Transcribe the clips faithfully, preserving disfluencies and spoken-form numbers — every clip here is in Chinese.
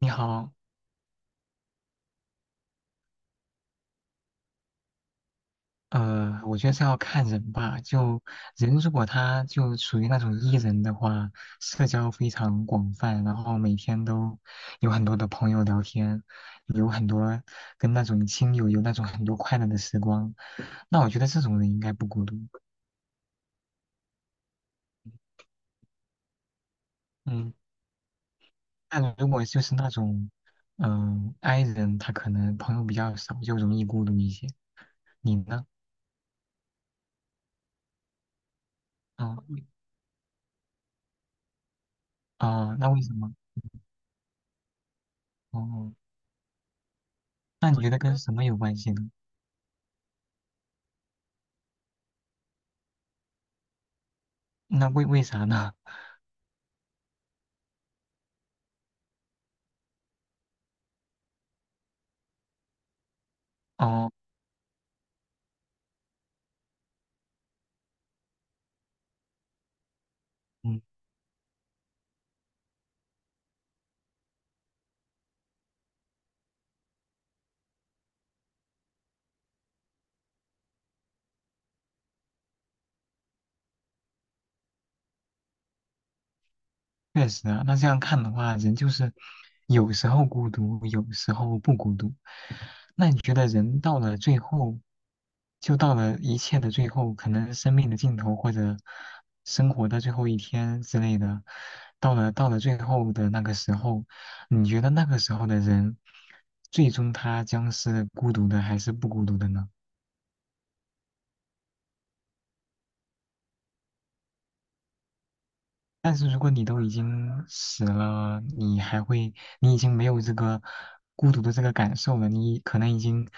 你好，呃，我觉得这要看人吧。就人如果他就属于那种 E 人的话，社交非常广泛，然后每天都有很多的朋友聊天，有很多跟那种亲友有那种很多快乐的时光，那我觉得这种人应该不孤独。嗯，但如果就是那种，嗯、i 人，他可能朋友比较少，就容易孤独一些。你呢？嗯。啊，那为什么？哦，那你觉得跟什么有关系呢？那为为啥呢？哦，嗯，确实啊。那这样看的话，人就是有时候孤独，有时候不孤独。那你觉得人到了最后，就到了一切的最后，可能生命的尽头或者生活的最后一天之类的，到了到了最后的那个时候，你觉得那个时候的人，最终他将是孤独的还是不孤独的呢？但是如果你都已经死了，你还会，你已经没有这个孤独的这个感受了，你可能已经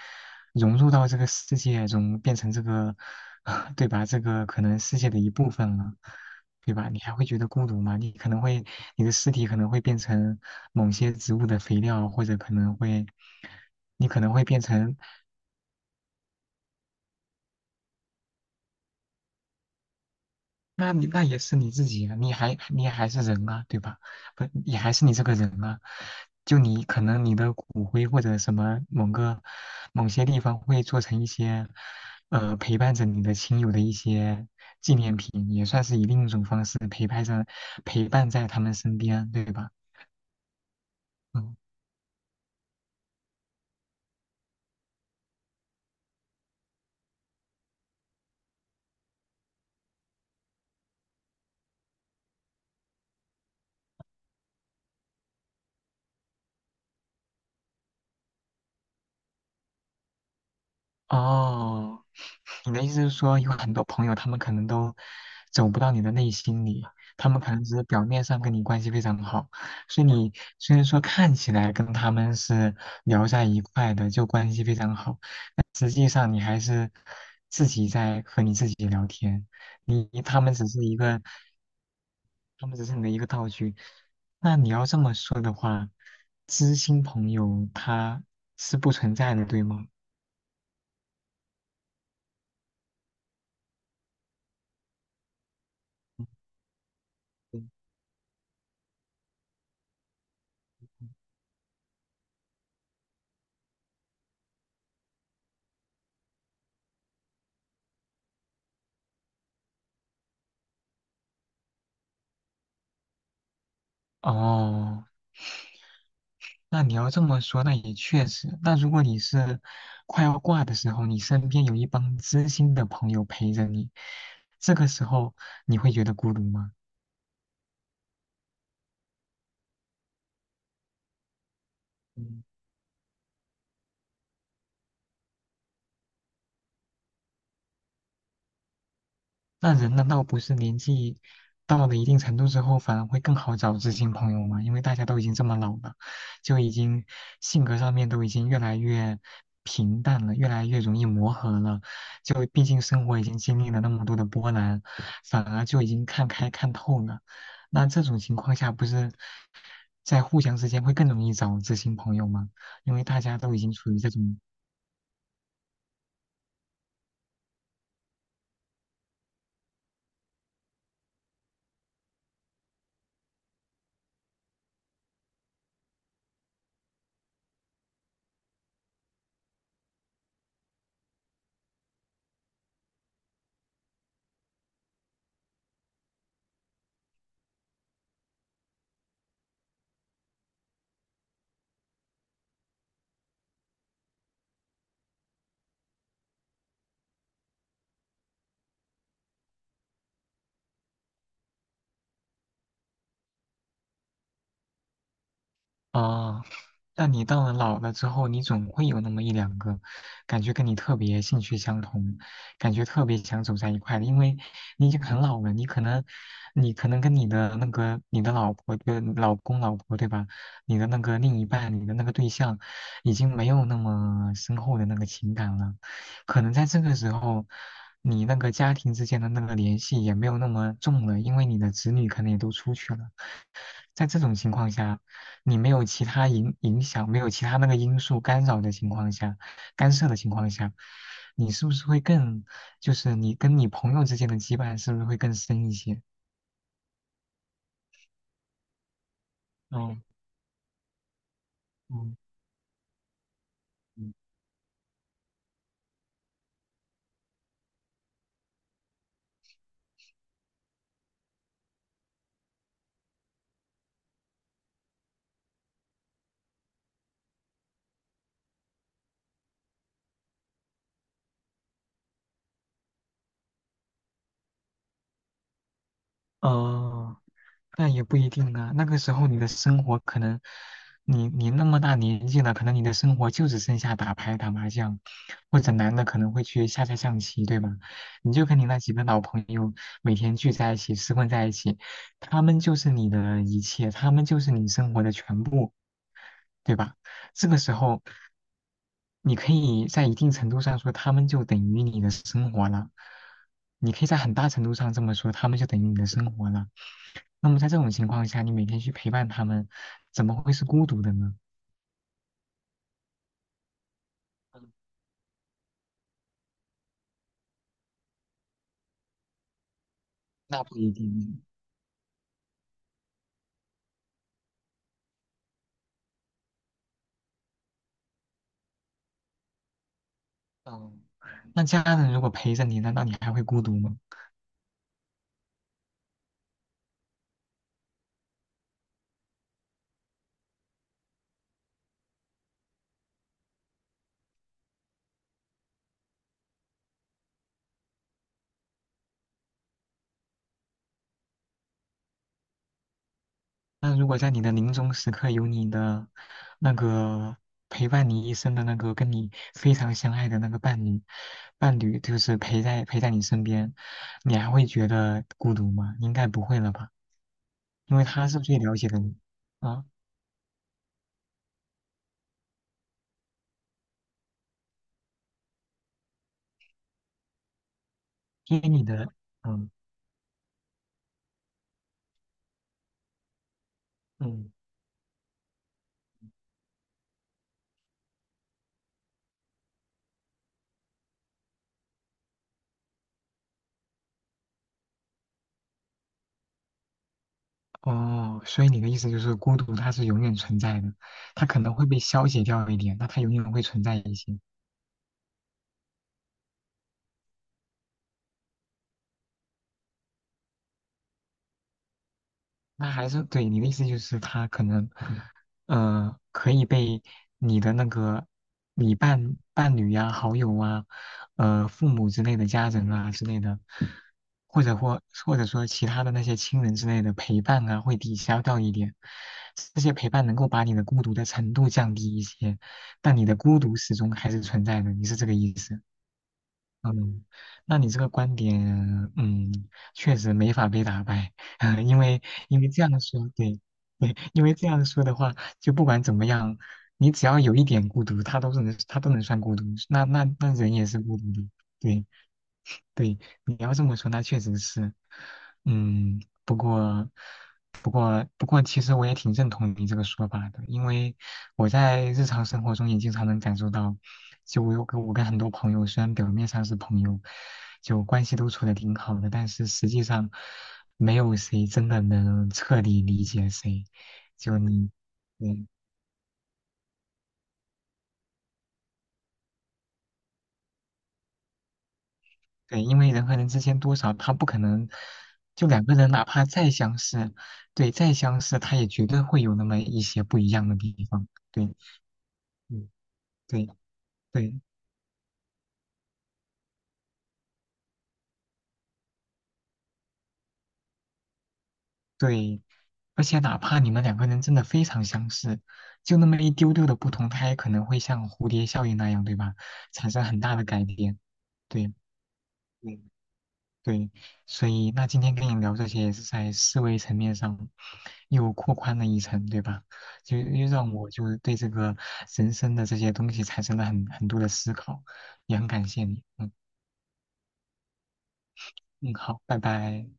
融入到这个世界中，变成这个，对吧？这个可能世界的一部分了，对吧？你还会觉得孤独吗？你可能会，你的尸体可能会变成某些植物的肥料，或者可能会，你可能会变成。那你那也是你自己啊，你还你还是人啊，对吧？不，也还是你这个人啊。就你可能你的骨灰或者什么某个某些地方会做成一些，呃，陪伴着你的亲友的一些纪念品，也算是以另一种方式陪伴着陪伴在他们身边，对吧？嗯，哦。你的意思是说，有很多朋友他们可能都走不到你的内心里，他们可能只是表面上跟你关系非常好，所以你虽然说看起来跟他们是聊在一块的，就关系非常好，但实际上你还是自己在和你自己聊天，你他们只是一个，他们只是你的一个道具。那你要这么说的话，知心朋友他是不存在的，对吗？哦，那你要这么说，那也确实。那如果你是快要挂的时候，你身边有一帮知心的朋友陪着你，这个时候你会觉得孤独吗？那人难道不是年纪到了一定程度之后，反而会更好找知心朋友吗？因为大家都已经这么老了，就已经性格上面都已经越来越平淡了，越来越容易磨合了。就毕竟生活已经经历了那么多的波澜，反而就已经看开看透了。那这种情况下，不是在互相之间会更容易找知心朋友吗？因为大家都已经处于这种。啊，但你到了老了之后，你总会有那么一两个，感觉跟你特别兴趣相同，感觉特别想走在一块的，因为你已经很老了，你可能，你可能跟你的那个你的老婆跟老公老婆对吧，你的那个另一半，你的那个对象，已经没有那么深厚的那个情感了，可能在这个时候，你那个家庭之间的那个联系也没有那么重了，因为你的子女可能也都出去了。在这种情况下，你没有其他影影响，没有其他那个因素干扰的情况下，干涉的情况下，你是不是会更，就是你跟你朋友之间的羁绊是不是会更深一些？哦，嗯，嗯，哦，那也不一定啊。那个时候你的生活可能，你你那么大年纪了，可能你的生活就只剩下打牌、打麻将，或者男的可能会去下下象棋，对吧？你就跟你那几个老朋友每天聚在一起，厮混在一起，他们就是你的一切，他们就是你生活的全部，对吧？这个时候，你可以在一定程度上说，他们就等于你的生活了。你可以在很大程度上这么说，他们就等于你的生活了。那么在这种情况下，你每天去陪伴他们，怎么会是孤独的呢？嗯，那不一定。嗯，那家人如果陪着你，难道你还会孤独吗？那如果在你的临终时刻有你的那个陪伴你一生的那个跟你非常相爱的那个伴侣，伴侣就是陪在陪在你身边，你还会觉得孤独吗？应该不会了吧，因为他是最了解的你啊，因为你的。嗯，嗯，哦，所以你的意思就是孤独它是永远存在的，它可能会被消解掉一点，但它永远会存在一些。那还是对你的意思就是他可能，呃，可以被你的那个你伴伴侣呀、好友啊、呃父母之类的家人啊之类的，或者或或者说其他的那些亲人之类的陪伴啊，会抵消掉一点。这些陪伴能够把你的孤独的程度降低一些，但你的孤独始终还是存在的。你是这个意思？嗯，那你这个观点，嗯，确实没法被打败，因为因为这样说，对对，因为这样说的话，就不管怎么样，你只要有一点孤独，他都是能，他都能算孤独，那那那人也是孤独的，对，对，你要这么说，那确实是，嗯，不过，不过，不过，其实我也挺认同你这个说法的，因为我在日常生活中也经常能感受到，就我有跟我跟很多朋友，虽然表面上是朋友，就关系都处的挺好的，但是实际上没有谁真的能彻底理解谁，就你，嗯。对，因为人和人之间多少他不可能，就两个人哪怕再相似，对，再相似，他也绝对会有那么一些不一样的地方。对，嗯，对，对，对，而且哪怕你们两个人真的非常相似，就那么一丢丢的不同，他也可能会像蝴蝶效应那样，对吧？产生很大的改变。对，对对，所以那今天跟你聊这些也是在思维层面上又扩宽了一层，对吧？就又让我就是对这个人生的这些东西产生了很很多的思考，也很感谢你。嗯嗯，好，拜拜。